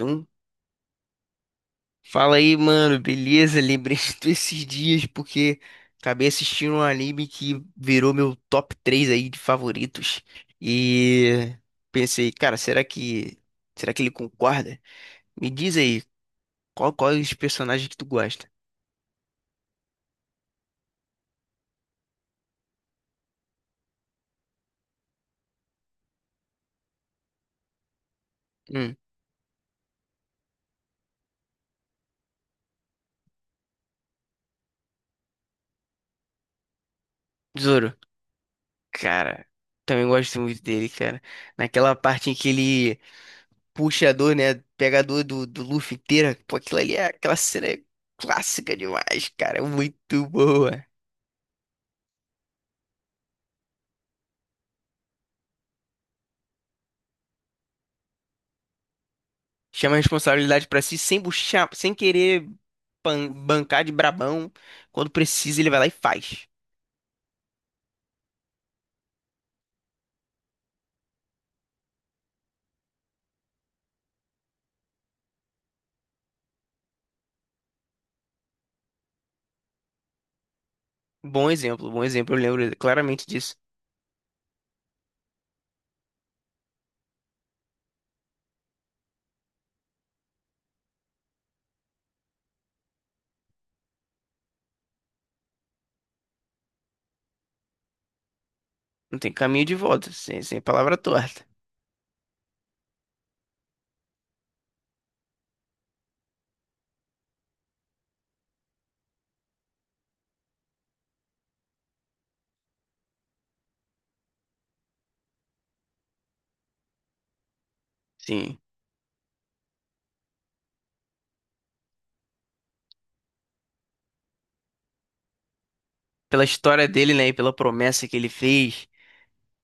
Um, fala aí, mano, beleza? Lembrei de tu esses dias porque acabei assistindo um anime que virou meu top 3 aí de favoritos. E pensei, cara, será que ele concorda? Me diz aí, qual quais personagens que tu gosta? Hum. Zoro. Cara, também gosto muito dele, cara. Naquela parte em que ele puxa a dor, né? Pega a dor do Luffy inteira. Pô, aquilo ali é aquela cena é clássica demais, cara. Muito boa. Chama a responsabilidade pra si sem buchar, sem querer bancar de brabão. Quando precisa, ele vai lá e faz. Bom exemplo, bom exemplo. Eu lembro claramente disso. Não tem caminho de volta, sem palavra torta. Sim. Pela história dele, né, e pela promessa que ele fez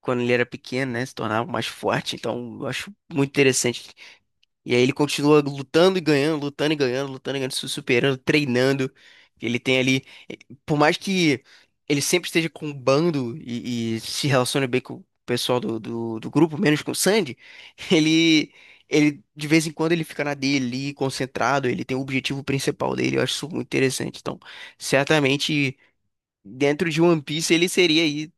quando ele era pequeno, né, se tornava mais forte. Então, eu acho muito interessante. E aí ele continua lutando e ganhando, lutando e ganhando, lutando e ganhando, se superando, treinando. Ele tem ali, por mais que ele sempre esteja com o bando e se relacione bem com o pessoal do grupo, menos com o Sandy, ele, ele de vez em quando ele fica na dele ali, concentrado, ele tem o objetivo principal dele. Eu acho isso muito interessante. Então, certamente, dentro de One Piece, ele seria aí,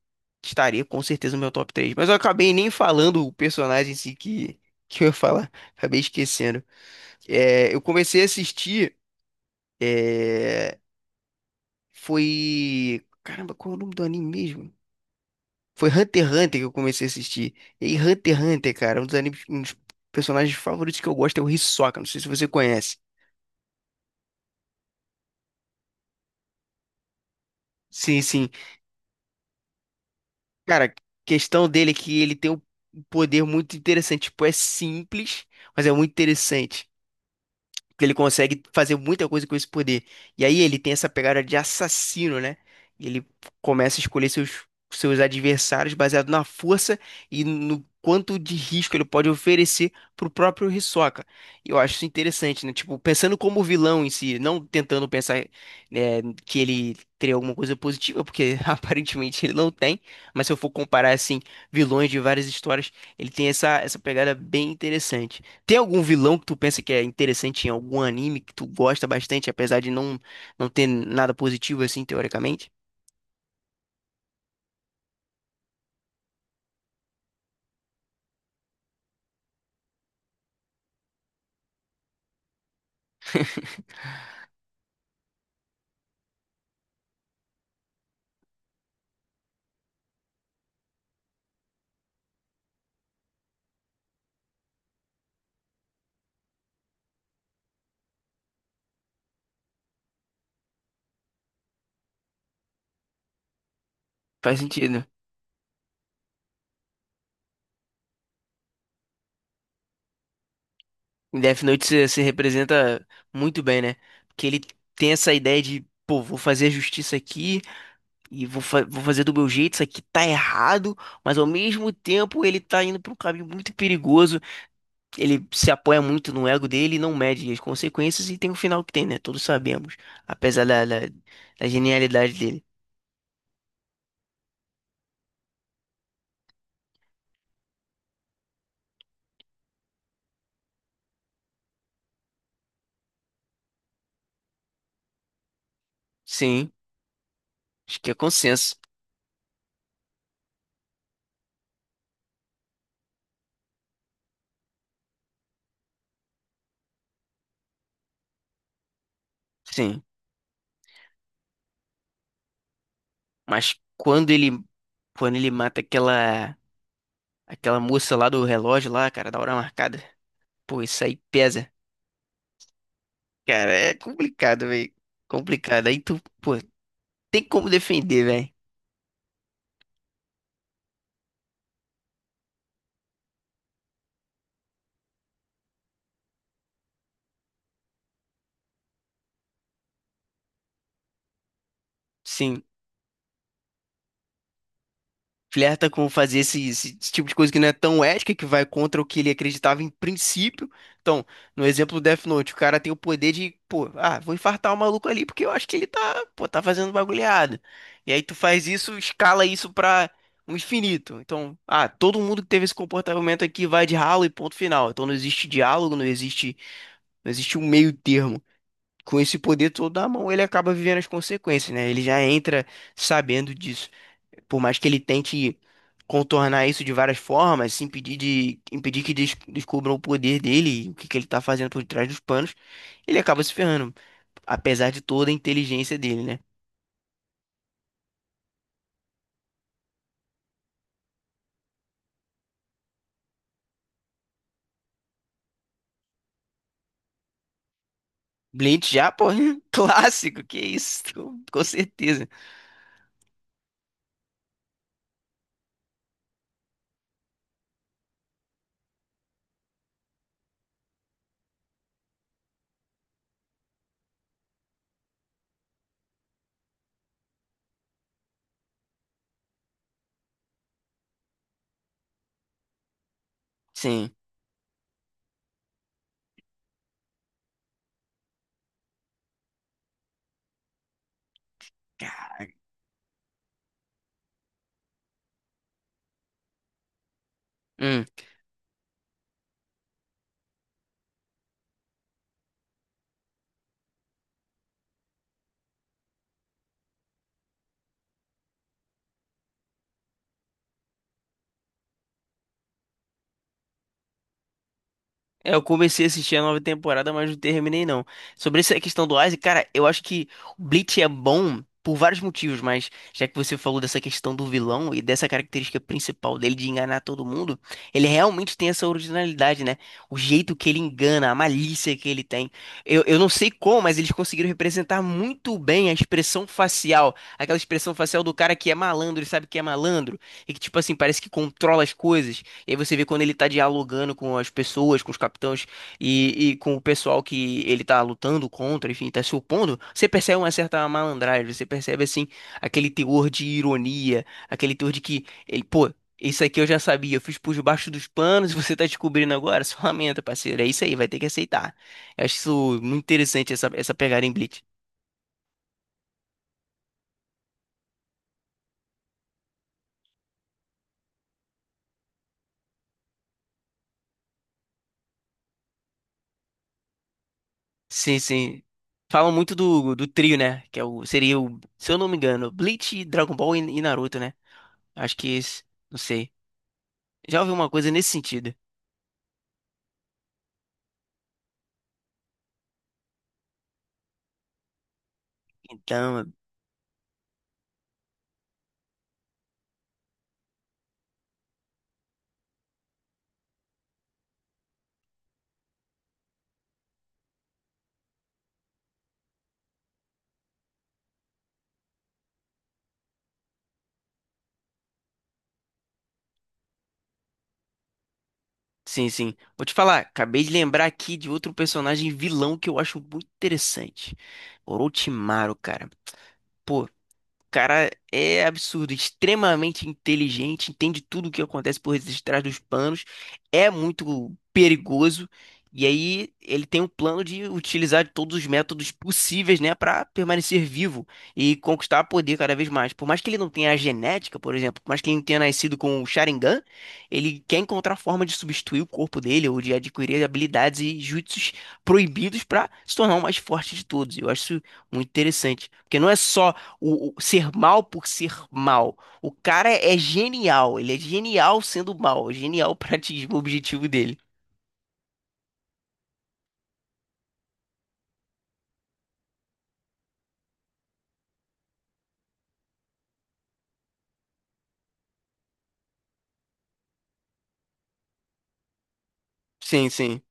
estaria com certeza no meu top 3. Mas eu acabei nem falando o personagem em si que eu ia falar, acabei esquecendo. É, eu comecei a assistir. É, foi. Caramba, qual é o nome do anime mesmo? Foi Hunter x Hunter que eu comecei a assistir. E aí, Hunter x Hunter, cara, um dos animes, um dos personagens favoritos que eu gosto é o Hisoka. Não sei se você conhece. Sim, sim. Cara, questão dele é que ele tem um poder muito interessante. Tipo, é simples, mas é muito interessante. Que ele consegue fazer muita coisa com esse poder. E aí ele tem essa pegada de assassino, né? E ele começa a escolher seus adversários baseado na força e no quanto de risco ele pode oferecer pro próprio Hisoka. Eu acho isso interessante, né? Tipo, pensando como vilão em si, não tentando pensar, né, que ele teria alguma coisa positiva, porque aparentemente ele não tem, mas se eu for comparar, assim, vilões de várias histórias, ele tem essa pegada bem interessante. Tem algum vilão que tu pensa que é interessante em algum anime que tu gosta bastante, apesar de não ter nada positivo assim, teoricamente? Faz sentido. Em Death Note se, se representa muito bem, né? Porque ele tem essa ideia de, pô, vou fazer a justiça aqui e vou, vou fazer do meu jeito, isso aqui tá errado, mas ao mesmo tempo ele tá indo pra um caminho muito perigoso. Ele se apoia muito no ego dele e não mede as consequências e tem o final que tem, né? Todos sabemos, apesar da, da genialidade dele. Sim. Acho que é consenso. Sim. Mas quando ele mata aquela moça lá do relógio lá, cara, da hora marcada. Pô, isso aí pesa. Cara, é complicado, velho. Complicado. Aí tu, pô, tem como defender, velho. Sim. Flerta com fazer esse tipo de coisa que não é tão ética, que vai contra o que ele acreditava em princípio. Então, no exemplo do Death Note, o cara tem o poder de, pô, ah, vou infartar o maluco ali porque eu acho que ele tá, pô, tá fazendo bagulhada. E aí tu faz isso, escala isso pra um infinito. Então, ah, todo mundo que teve esse comportamento aqui vai de ralo e ponto final. Então não existe diálogo, não existe, não existe um meio termo. Com esse poder todo na mão, ele acaba vivendo as consequências, né? Ele já entra sabendo disso. Por mais que ele tente contornar isso de várias formas, se impedir de impedir que descubram o poder dele, e o que que ele tá fazendo por trás dos panos, ele acaba se ferrando, apesar de toda a inteligência dele, né? Blade já, pô, clássico, que isso, com certeza. Sim. Hum. É, eu comecei a assistir a nova temporada, mas não terminei não. Sobre essa questão do Isaac, cara, eu acho que o Bleach é bom por vários motivos, mas já que você falou dessa questão do vilão e dessa característica principal dele de enganar todo mundo, ele realmente tem essa originalidade, né? O jeito que ele engana, a malícia que ele tem. Eu não sei como, mas eles conseguiram representar muito bem a expressão facial, aquela expressão facial do cara que é malandro e sabe que é malandro, e que, tipo assim, parece que controla as coisas. E aí você vê quando ele tá dialogando com as pessoas, com os capitães e com o pessoal que ele tá lutando contra, enfim, tá se opondo, você percebe uma certa malandragem, você percebe assim aquele teor de ironia, aquele teor de que ele, pô, isso aqui eu já sabia, eu fiz por debaixo dos panos e você tá descobrindo agora, só lamenta, parceiro, é isso aí, vai ter que aceitar. Eu acho isso muito interessante essa pegada em Bleach. Sim, sim. Falam muito do trio, né? Que é o, seria o, se eu não me engano, Bleach, Dragon Ball e Naruto, né? Acho que esse, não sei. Já ouvi uma coisa nesse sentido. Então, sim, sim. Vou te falar, acabei de lembrar aqui de outro personagem vilão que eu acho muito interessante. Orochimaru, cara. Pô. O cara é absurdo, extremamente inteligente, entende tudo o que acontece por detrás dos panos, é muito perigoso. E aí ele tem um plano de utilizar todos os métodos possíveis, né, para permanecer vivo e conquistar poder cada vez mais. Por mais que ele não tenha a genética, por exemplo, por mais que ele não tenha nascido com o Sharingan, ele quer encontrar forma de substituir o corpo dele ou de adquirir habilidades e jutsus proibidos para se tornar o mais forte de todos. Eu acho isso muito interessante, porque não é só o ser mal por ser mal. O cara é genial, ele é genial sendo mal, é genial pra atingir o objetivo dele. Sim, sim.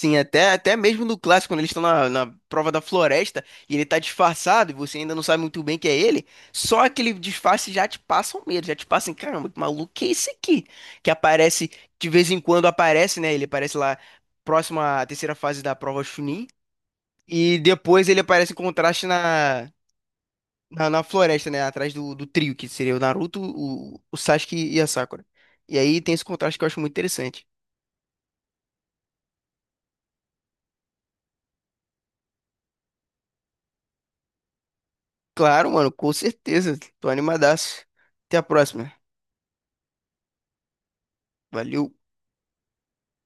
Sim, até mesmo no clássico, quando eles estão na prova da floresta e ele tá disfarçado e você ainda não sabe muito bem que é ele, só aquele disfarce já te passa um medo, já te passa assim, caramba, que maluco que é esse aqui? Que aparece, de vez em quando aparece, né? Ele aparece lá próximo à terceira fase da prova Chunin e depois ele aparece em contraste na. Na, na floresta, né? Atrás do trio, que seria o Naruto, o Sasuke e a Sakura. E aí tem esse contraste que eu acho muito interessante. Claro, mano, com certeza. Tô animadaço. Até a próxima. Valeu.